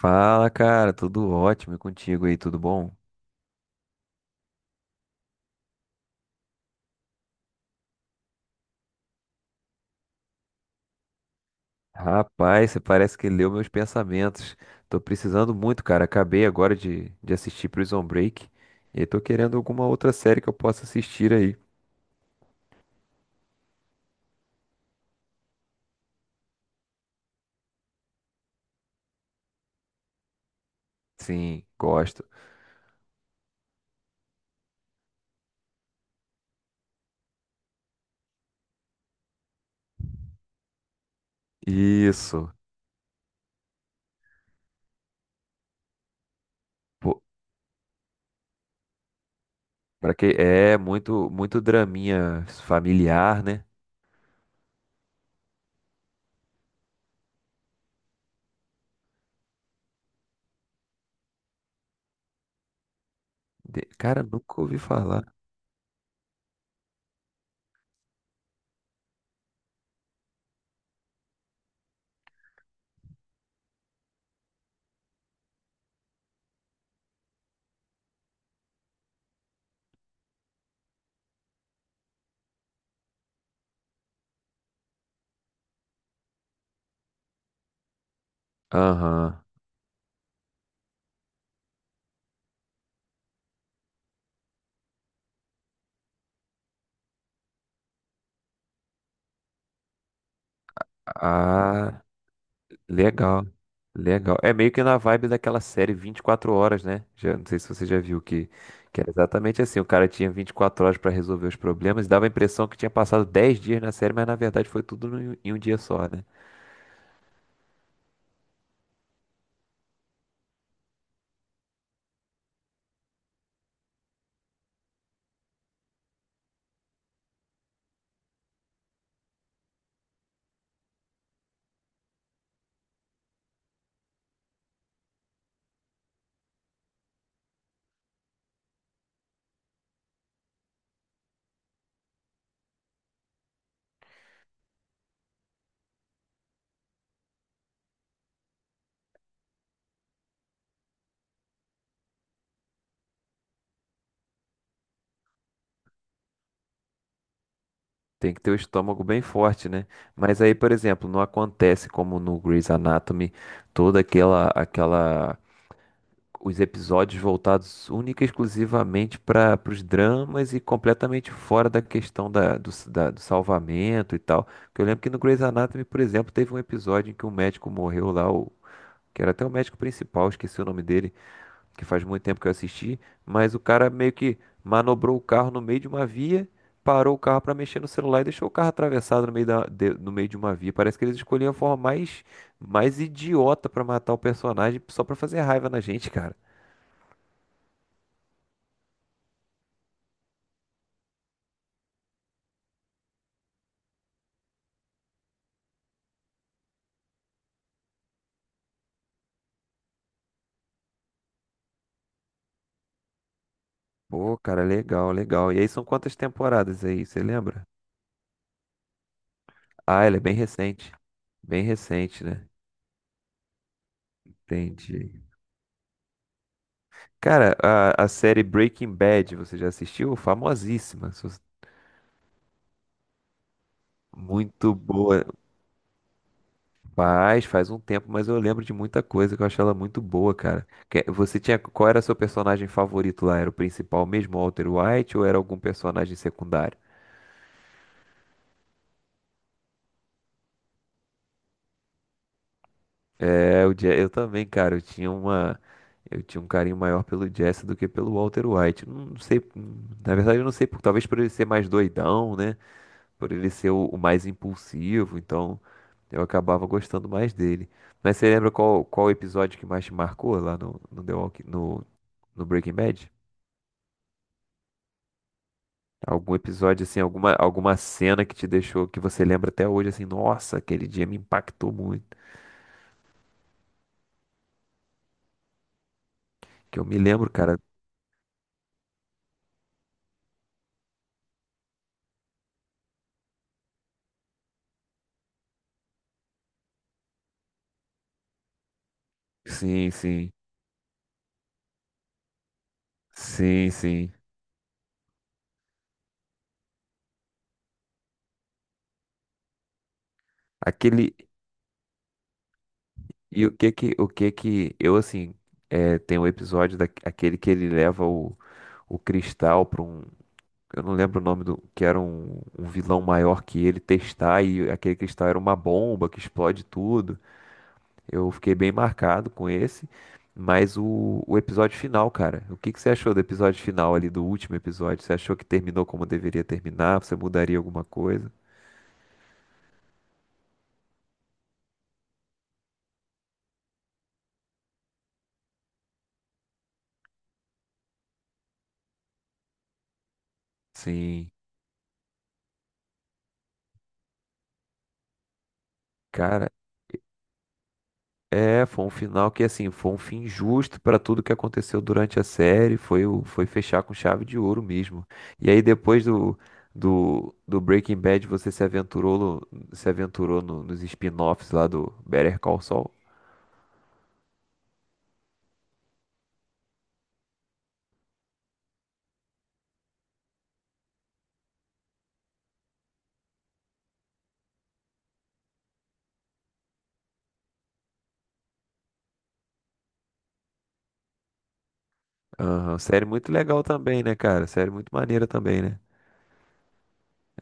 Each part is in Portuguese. Fala, cara, tudo ótimo e contigo aí, tudo bom? Rapaz, você parece que leu meus pensamentos. Tô precisando muito, cara. Acabei agora de assistir Prison Break e tô querendo alguma outra série que eu possa assistir aí. Sim, gosto. Isso. Pô, pra que é muito muito draminha familiar, né? Cara, nunca ouvi falar. Aham. Ah, legal, legal. É meio que na vibe daquela série 24 horas, né? Já, não sei se você já viu que era exatamente assim. O cara tinha 24 horas pra resolver os problemas e dava a impressão que tinha passado 10 dias na série, mas na verdade foi tudo em um dia só, né? Tem que ter o estômago bem forte, né? Mas aí, por exemplo, não acontece como no Grey's Anatomy, toda aquela os episódios voltados única e exclusivamente para os dramas e completamente fora da questão da, do, s- da- do salvamento e tal. Porque eu lembro que no Grey's Anatomy, por exemplo, teve um episódio em que um médico morreu lá, o, que era até o médico principal, esqueci o nome dele, que faz muito tempo que eu assisti, mas o cara meio que manobrou o carro no meio de uma via. Parou o carro para mexer no celular e deixou o carro atravessado no meio, no meio de uma via. Parece que eles escolhiam a forma mais idiota para matar o personagem só para fazer raiva na gente, cara. Pô, cara, legal, legal. E aí são quantas temporadas aí, você lembra? Ah, ela é bem recente. Bem recente, né? Entendi. Cara, a série Breaking Bad, você já assistiu? Famosíssima. Muito boa. Faz um tempo, mas eu lembro de muita coisa que eu achei ela muito boa, cara. Que- Você tinha, qual era seu personagem favorito lá? Era o principal mesmo, o Walter White, ou era algum personagem secundário? É, o Jazz, eu também, cara, eu tinha um carinho maior pelo Jazz do que pelo Walter White. Não sei, na verdade eu não sei, talvez por ele ser mais doidão, né? Por ele ser o mais impulsivo, então eu acabava gostando mais dele. Mas você lembra qual episódio que mais te marcou lá no, no, The Walking, no Breaking Bad? Algum episódio assim, alguma cena que te deixou, que você lembra até hoje assim, nossa, aquele dia me impactou muito. Que eu me lembro, cara. Sim, sim. Sim, sim. Aquele, e o que que, eu assim, é, tem um episódio daquele que ele leva o cristal para um, eu não lembro o nome do, que era um vilão maior que ele testar e aquele cristal era uma bomba que explode tudo. Eu fiquei bem marcado com esse, mas o episódio final, cara, o que que você achou do episódio final ali, do último episódio? Você achou que terminou como deveria terminar? Você mudaria alguma coisa? Sim, cara. É, foi um final que, assim, foi um fim justo para tudo que aconteceu durante a série. Foi, o- foi fechar com chave de ouro mesmo. E aí, depois do, do Breaking Bad, você se aventurou, se aventurou no- nos spin-offs lá do Better Call Saul. Aham, série muito legal também, né, cara? Série muito maneira também, né?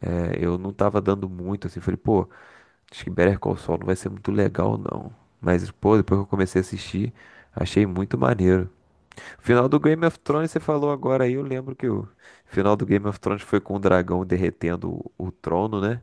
É, eu não tava dando muito, assim, falei, pô, acho que Better Call Saul não vai ser muito legal, não. Mas, pô, depois que eu comecei a assistir, achei muito maneiro. Final do Game of Thrones, você falou agora aí, eu lembro que o final do Game of Thrones foi com o dragão derretendo o trono, né?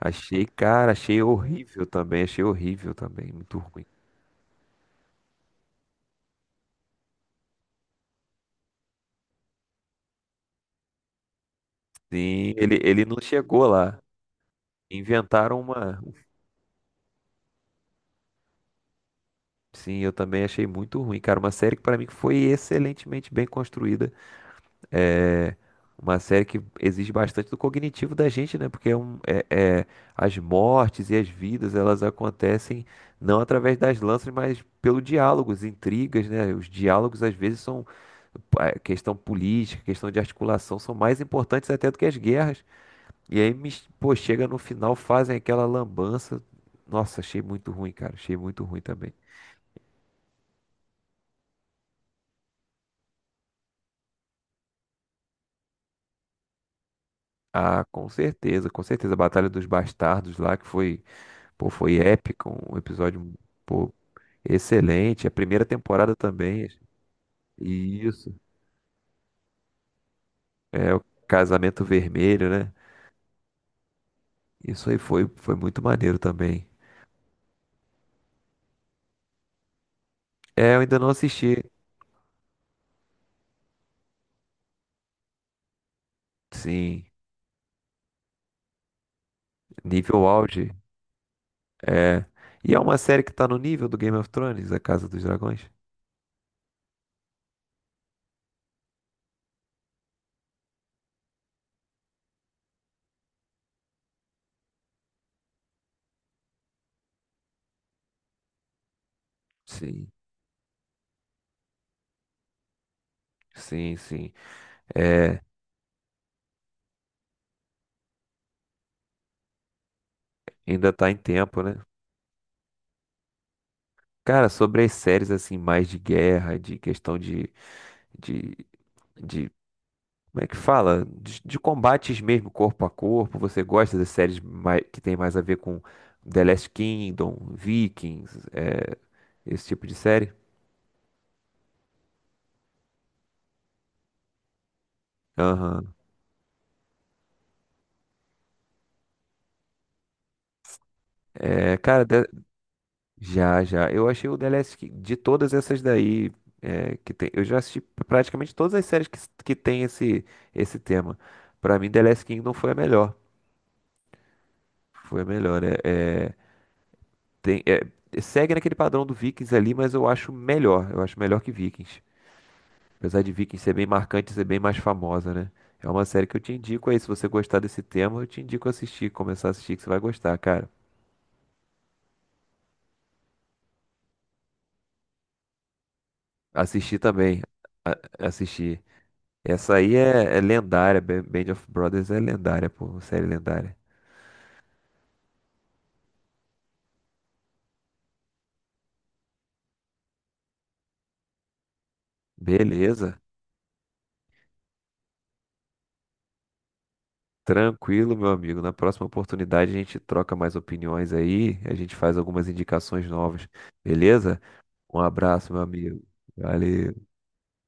Achei, cara, achei horrível também, muito ruim. Sim, ele não chegou lá. Inventaram uma. Sim, eu também achei muito ruim, cara. Uma série que pra mim foi excelentemente bem construída. É uma série que exige bastante do cognitivo da gente, né? Porque é- as mortes e as vidas, elas acontecem não através das lanças, mas pelo diálogos, intrigas, né? Os diálogos às vezes são a questão política, questão de articulação são mais importantes até do que as guerras. E aí, pô, chega no final, fazem aquela lambança. Nossa, achei muito ruim, cara. Achei muito ruim também. Ah, com certeza, com certeza. A Batalha dos Bastardos lá, que foi pô, foi épico, um episódio, pô, excelente. A primeira temporada também. E isso. É o Casamento Vermelho, né? Isso aí foi, foi muito maneiro também. É, eu ainda não assisti. Sim, nível auge. É. E é uma série que tá no nível do Game of Thrones, A Casa dos Dragões? Sim, sim, sim. É, ainda tá em tempo, né? Cara, sobre as séries assim, mais de guerra, de questão de, de como é que fala? De combates mesmo, corpo a corpo. Você gosta das séries que tem mais a ver com The Last Kingdom, Vikings, é, esse tipo de série? Aham. É, cara, já, já. Eu achei o de todas essas daí que tem. Eu já assisti praticamente todas as séries que tem esse tema. Pra mim, The Last Kingdom foi a melhor. Foi a melhor, né? É, tem, é, segue naquele padrão do Vikings ali, mas eu acho melhor. Eu acho melhor que Vikings. Apesar de Vikings ser bem marcante, ser bem mais famosa, né? É uma série que eu te indico aí. Se você gostar desse tema, eu te indico assistir, começar a assistir, que você vai gostar, cara. Assisti também. A assistir. Essa aí é, é lendária. Ba- Band of Brothers é lendária, pô. Série lendária. Beleza. Tranquilo, meu amigo. Na próxima oportunidade a gente troca mais opiniões aí. A gente faz algumas indicações novas. Beleza? Um abraço, meu amigo. Valeu.